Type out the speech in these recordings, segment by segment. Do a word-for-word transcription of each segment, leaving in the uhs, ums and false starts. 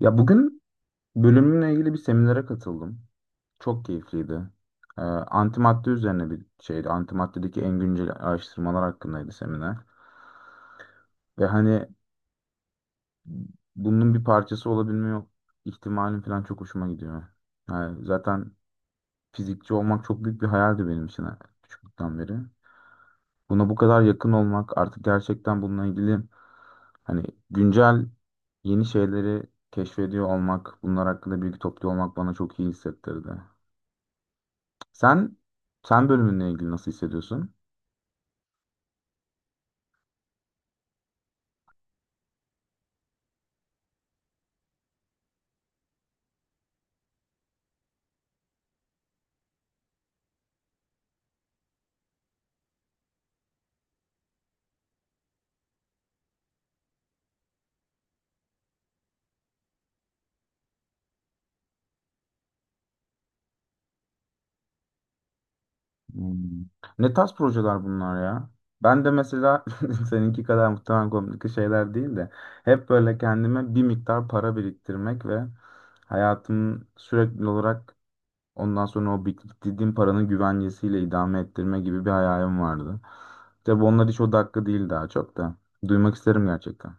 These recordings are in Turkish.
Ya bugün bölümümle ilgili bir seminere katıldım. Çok keyifliydi. Ee, antimadde üzerine bir şeydi. Antimaddedeki en güncel araştırmalar hakkındaydı seminer. Ve hani bunun bir parçası olabilme ihtimalim falan çok hoşuma gidiyor. Yani zaten fizikçi olmak çok büyük bir hayaldi benim için ha, küçüklükten beri. Buna bu kadar yakın olmak, artık gerçekten bununla ilgili hani güncel yeni şeyleri keşfediyor olmak, bunlar hakkında bilgi topluyor olmak bana çok iyi hissettirdi. Sen sen bölümünle ilgili nasıl hissediyorsun? Hmm. Ne tarz projeler bunlar ya? Ben de mesela seninki kadar muhtemelen komik şeyler değil de hep böyle kendime bir miktar para biriktirmek ve hayatımı sürekli olarak ondan sonra o biriktirdiğim paranın güvencesiyle idame ettirme gibi bir hayalim vardı. Tabii onlar hiç o dakika değil daha çok da. Duymak isterim gerçekten.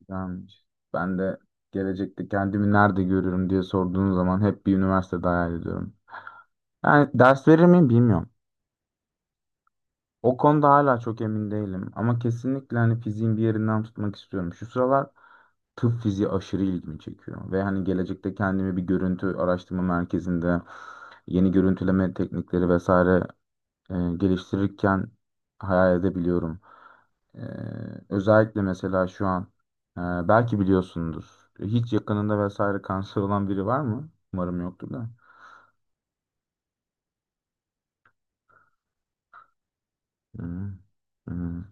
Güzelmiş. Ben de gelecekte kendimi nerede görüyorum diye sorduğun zaman hep bir üniversitede hayal ediyorum. Yani ders verir miyim bilmiyorum. O konuda hala çok emin değilim ama kesinlikle hani fiziğin bir yerinden tutmak istiyorum. Şu sıralar tıp fiziği aşırı ilgimi çekiyor ve hani gelecekte kendimi bir görüntü araştırma merkezinde yeni görüntüleme teknikleri vesaire e, geliştirirken hayal edebiliyorum. E, Özellikle mesela şu an e, belki biliyorsundur. Hiç yakınında vesaire kanser olan biri var mı? Umarım yoktur da. Hı, hı.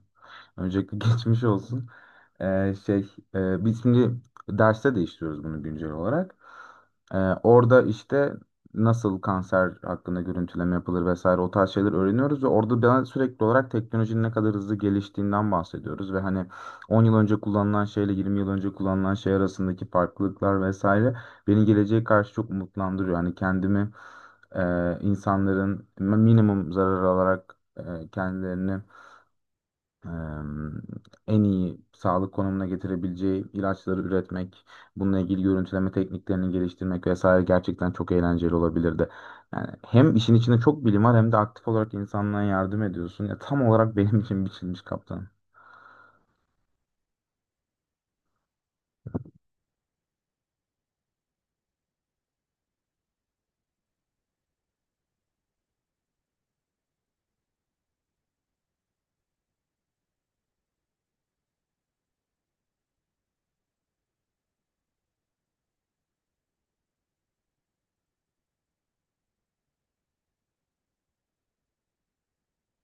Öncelikle geçmiş olsun. Ee, şey, e, biz şimdi derste değiştiriyoruz bunu güncel olarak. Ee, Orada işte nasıl kanser hakkında görüntüleme yapılır vesaire o tarz şeyler öğreniyoruz ve orada ben sürekli olarak teknolojinin ne kadar hızlı geliştiğinden bahsediyoruz ve hani on yıl önce kullanılan şeyle yirmi yıl önce kullanılan şey arasındaki farklılıklar vesaire beni geleceğe karşı çok umutlandırıyor. Hani kendimi e, insanların minimum zarar alarak e, kendilerini e, en iyi sağlık konumuna getirebileceği ilaçları üretmek, bununla ilgili görüntüleme tekniklerini geliştirmek vesaire gerçekten çok eğlenceli olabilirdi. Yani hem işin içinde çok bilim var hem de aktif olarak insanlığa yardım ediyorsun. Ya tam olarak benim için biçilmiş kaptan.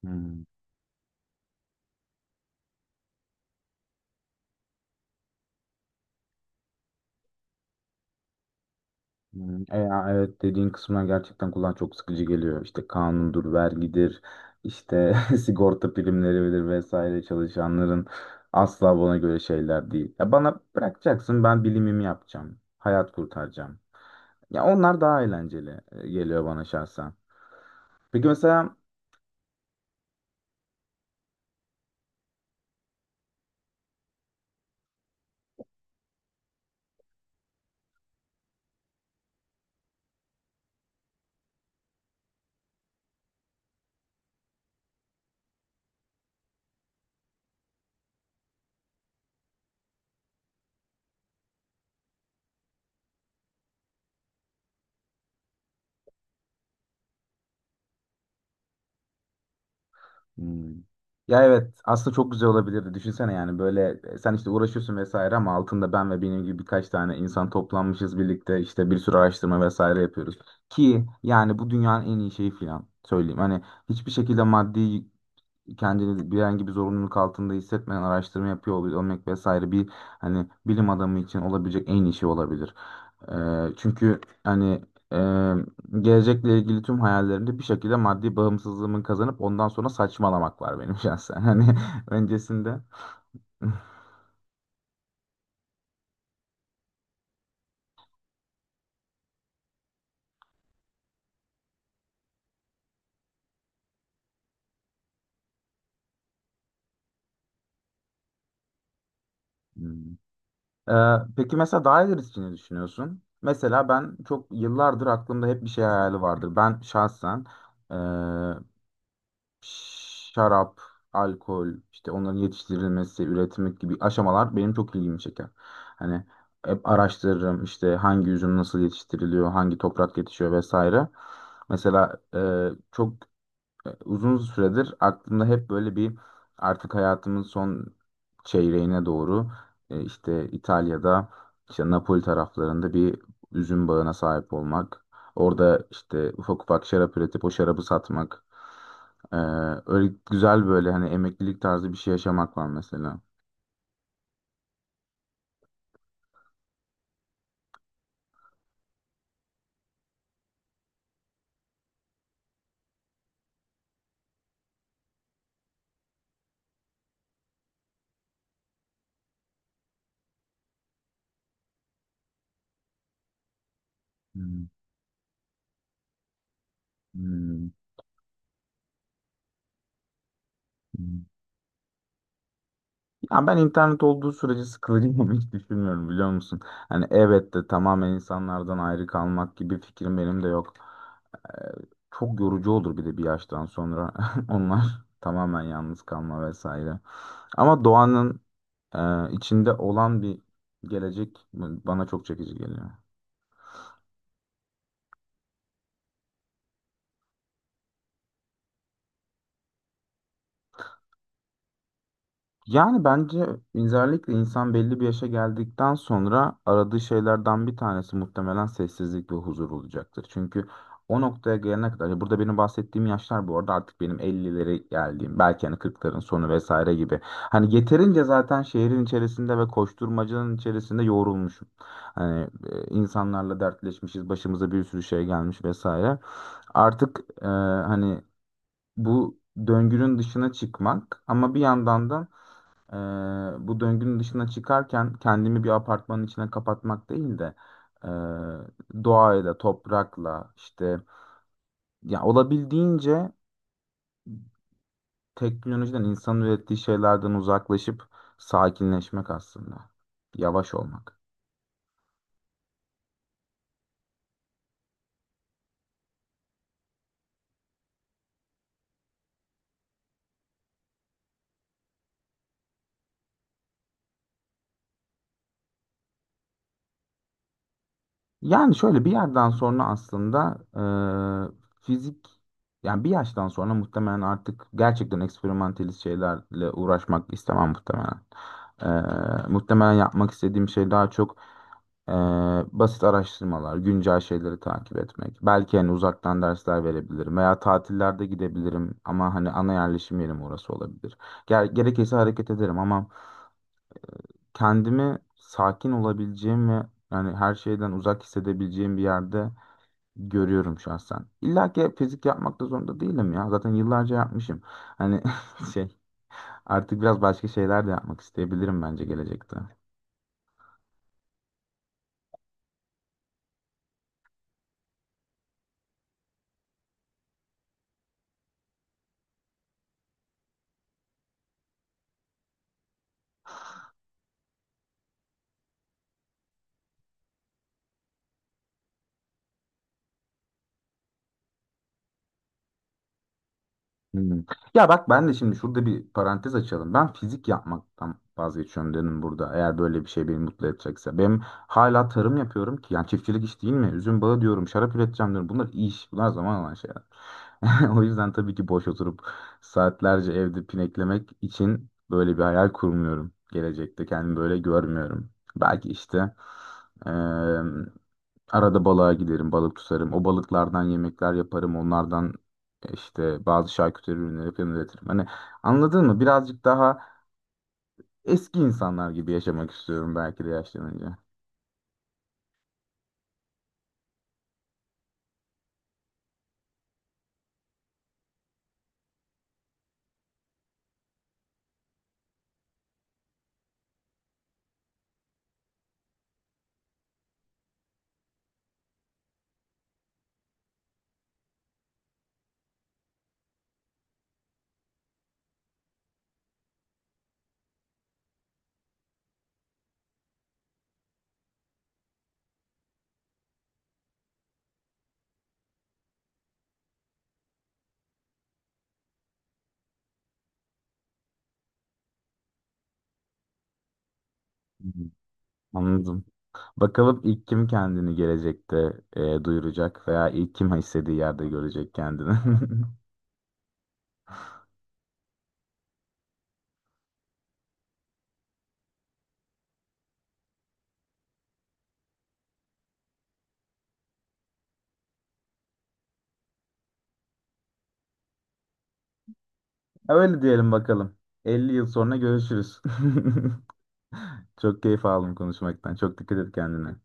Hmm. Hmm, E ya evet dediğin kısma gerçekten kulağa çok sıkıcı geliyor. İşte kanundur, vergidir, işte sigorta primleridir vesaire çalışanların asla bana göre şeyler değil. Ya bana bırakacaksın ben bilimimi yapacağım, hayat kurtaracağım. Ya onlar daha eğlenceli e, geliyor bana şahsen. Peki mesela Hmm. Ya evet aslında çok güzel olabilirdi. Düşünsene yani böyle e, sen işte uğraşıyorsun vesaire ama altında ben ve benim gibi birkaç tane insan toplanmışız birlikte işte bir sürü araştırma vesaire yapıyoruz. Ki yani bu dünyanın en iyi şeyi falan söyleyeyim. Hani hiçbir şekilde maddi kendini bir herhangi bir zorunluluk altında hissetmeden araştırma yapıyor ol- olmak vesaire bir hani bilim adamı için olabilecek en iyi şey olabilir. Ee, çünkü hani e, gelecekle ilgili tüm hayallerimde bir şekilde maddi bağımsızlığımı kazanıp ondan sonra saçmalamak var benim şahsen. Hani öncesinde. Hmm. Ee, peki mesela daha ilerisi için ne düşünüyorsun? Mesela ben çok yıllardır aklımda hep bir şey hayali vardır. Ben şahsen şarap, alkol, işte onların yetiştirilmesi, üretimi gibi aşamalar benim çok ilgimi çeker. Hani hep araştırırım işte hangi üzüm nasıl yetiştiriliyor, hangi toprak yetişiyor vesaire. Mesela e, çok ee, uzun süredir aklımda hep böyle bir artık hayatımın son çeyreğine doğru e, işte İtalya'da işte Napoli taraflarında bir üzüm bağına sahip olmak. Orada işte ufak ufak şarap üretip o şarabı satmak. Ee, Öyle güzel böyle hani emeklilik tarzı bir şey yaşamak var mesela. Hmm, hmm, hmm. Ya ben internet olduğu sürece sıkılacağımı hiç düşünmüyorum biliyor musun? Hani evet de tamamen insanlardan ayrı kalmak gibi fikrim benim de yok. Çok yorucu olur bir de bir yaştan sonra onlar tamamen yalnız kalma vesaire. Ama doğanın e, içinde olan bir gelecek bana çok çekici geliyor. Yani bence özellikle insan belli bir yaşa geldikten sonra aradığı şeylerden bir tanesi muhtemelen sessizlik ve huzur olacaktır. Çünkü o noktaya gelene kadar, ya burada benim bahsettiğim yaşlar bu arada artık benim elli'lere geldiğim, belki hani kırkların sonu vesaire gibi. Hani yeterince zaten şehrin içerisinde ve koşturmacanın içerisinde yoğrulmuşum. Hani e, insanlarla dertleşmişiz, başımıza bir sürü şey gelmiş vesaire. Artık e, hani bu döngünün dışına çıkmak ama bir yandan da ee, bu döngünün dışına çıkarken kendimi bir apartmanın içine kapatmak değil de e, doğayla, toprakla işte ya olabildiğince teknolojiden, insanın ürettiği şeylerden uzaklaşıp sakinleşmek aslında. Yavaş olmak. Yani şöyle bir yerden sonra aslında e, fizik yani bir yaştan sonra muhtemelen artık gerçekten eksperimentalist şeylerle uğraşmak istemem muhtemelen. E, muhtemelen yapmak istediğim şey daha çok e, basit araştırmalar, güncel şeyleri takip etmek. Belki hani uzaktan dersler verebilirim veya tatillerde gidebilirim ama hani ana yerleşim yerim orası olabilir. Ger- gerekirse hareket ederim ama kendimi sakin olabileceğim ve yani her şeyden uzak hissedebileceğim bir yerde görüyorum şahsen. İlla ki fizik yapmak da zorunda değilim ya. Zaten yıllarca yapmışım. Hani şey artık biraz başka şeyler de yapmak isteyebilirim bence gelecekte. Hmm. Ya bak ben de şimdi şurada bir parantez açalım. Ben fizik yapmaktan vazgeçiyorum dedim burada. Eğer böyle bir şey beni mutlu edecekse. Benim hala tarım yapıyorum ki. Yani çiftçilik iş değil mi? Üzüm bağı diyorum, şarap üreteceğim diyorum. Bunlar iş. Bunlar zaman alan şeyler. O yüzden tabii ki boş oturup saatlerce evde pineklemek için böyle bir hayal kurmuyorum. Gelecekte kendimi böyle görmüyorum. Belki işte eee, arada balığa giderim, balık tutarım. O balıklardan yemekler yaparım. Onlardan işte bazı şarküteri ürünleri falan üretirim. Hani anladın mı? Birazcık daha eski insanlar gibi yaşamak istiyorum belki de yaşlanınca. Hmm, anladım. Bakalım ilk kim kendini gelecekte e, duyuracak veya ilk kim istediği yerde görecek kendini. Öyle diyelim bakalım. elli yıl sonra görüşürüz. Çok keyif aldım konuşmaktan. Çok dikkat et kendine.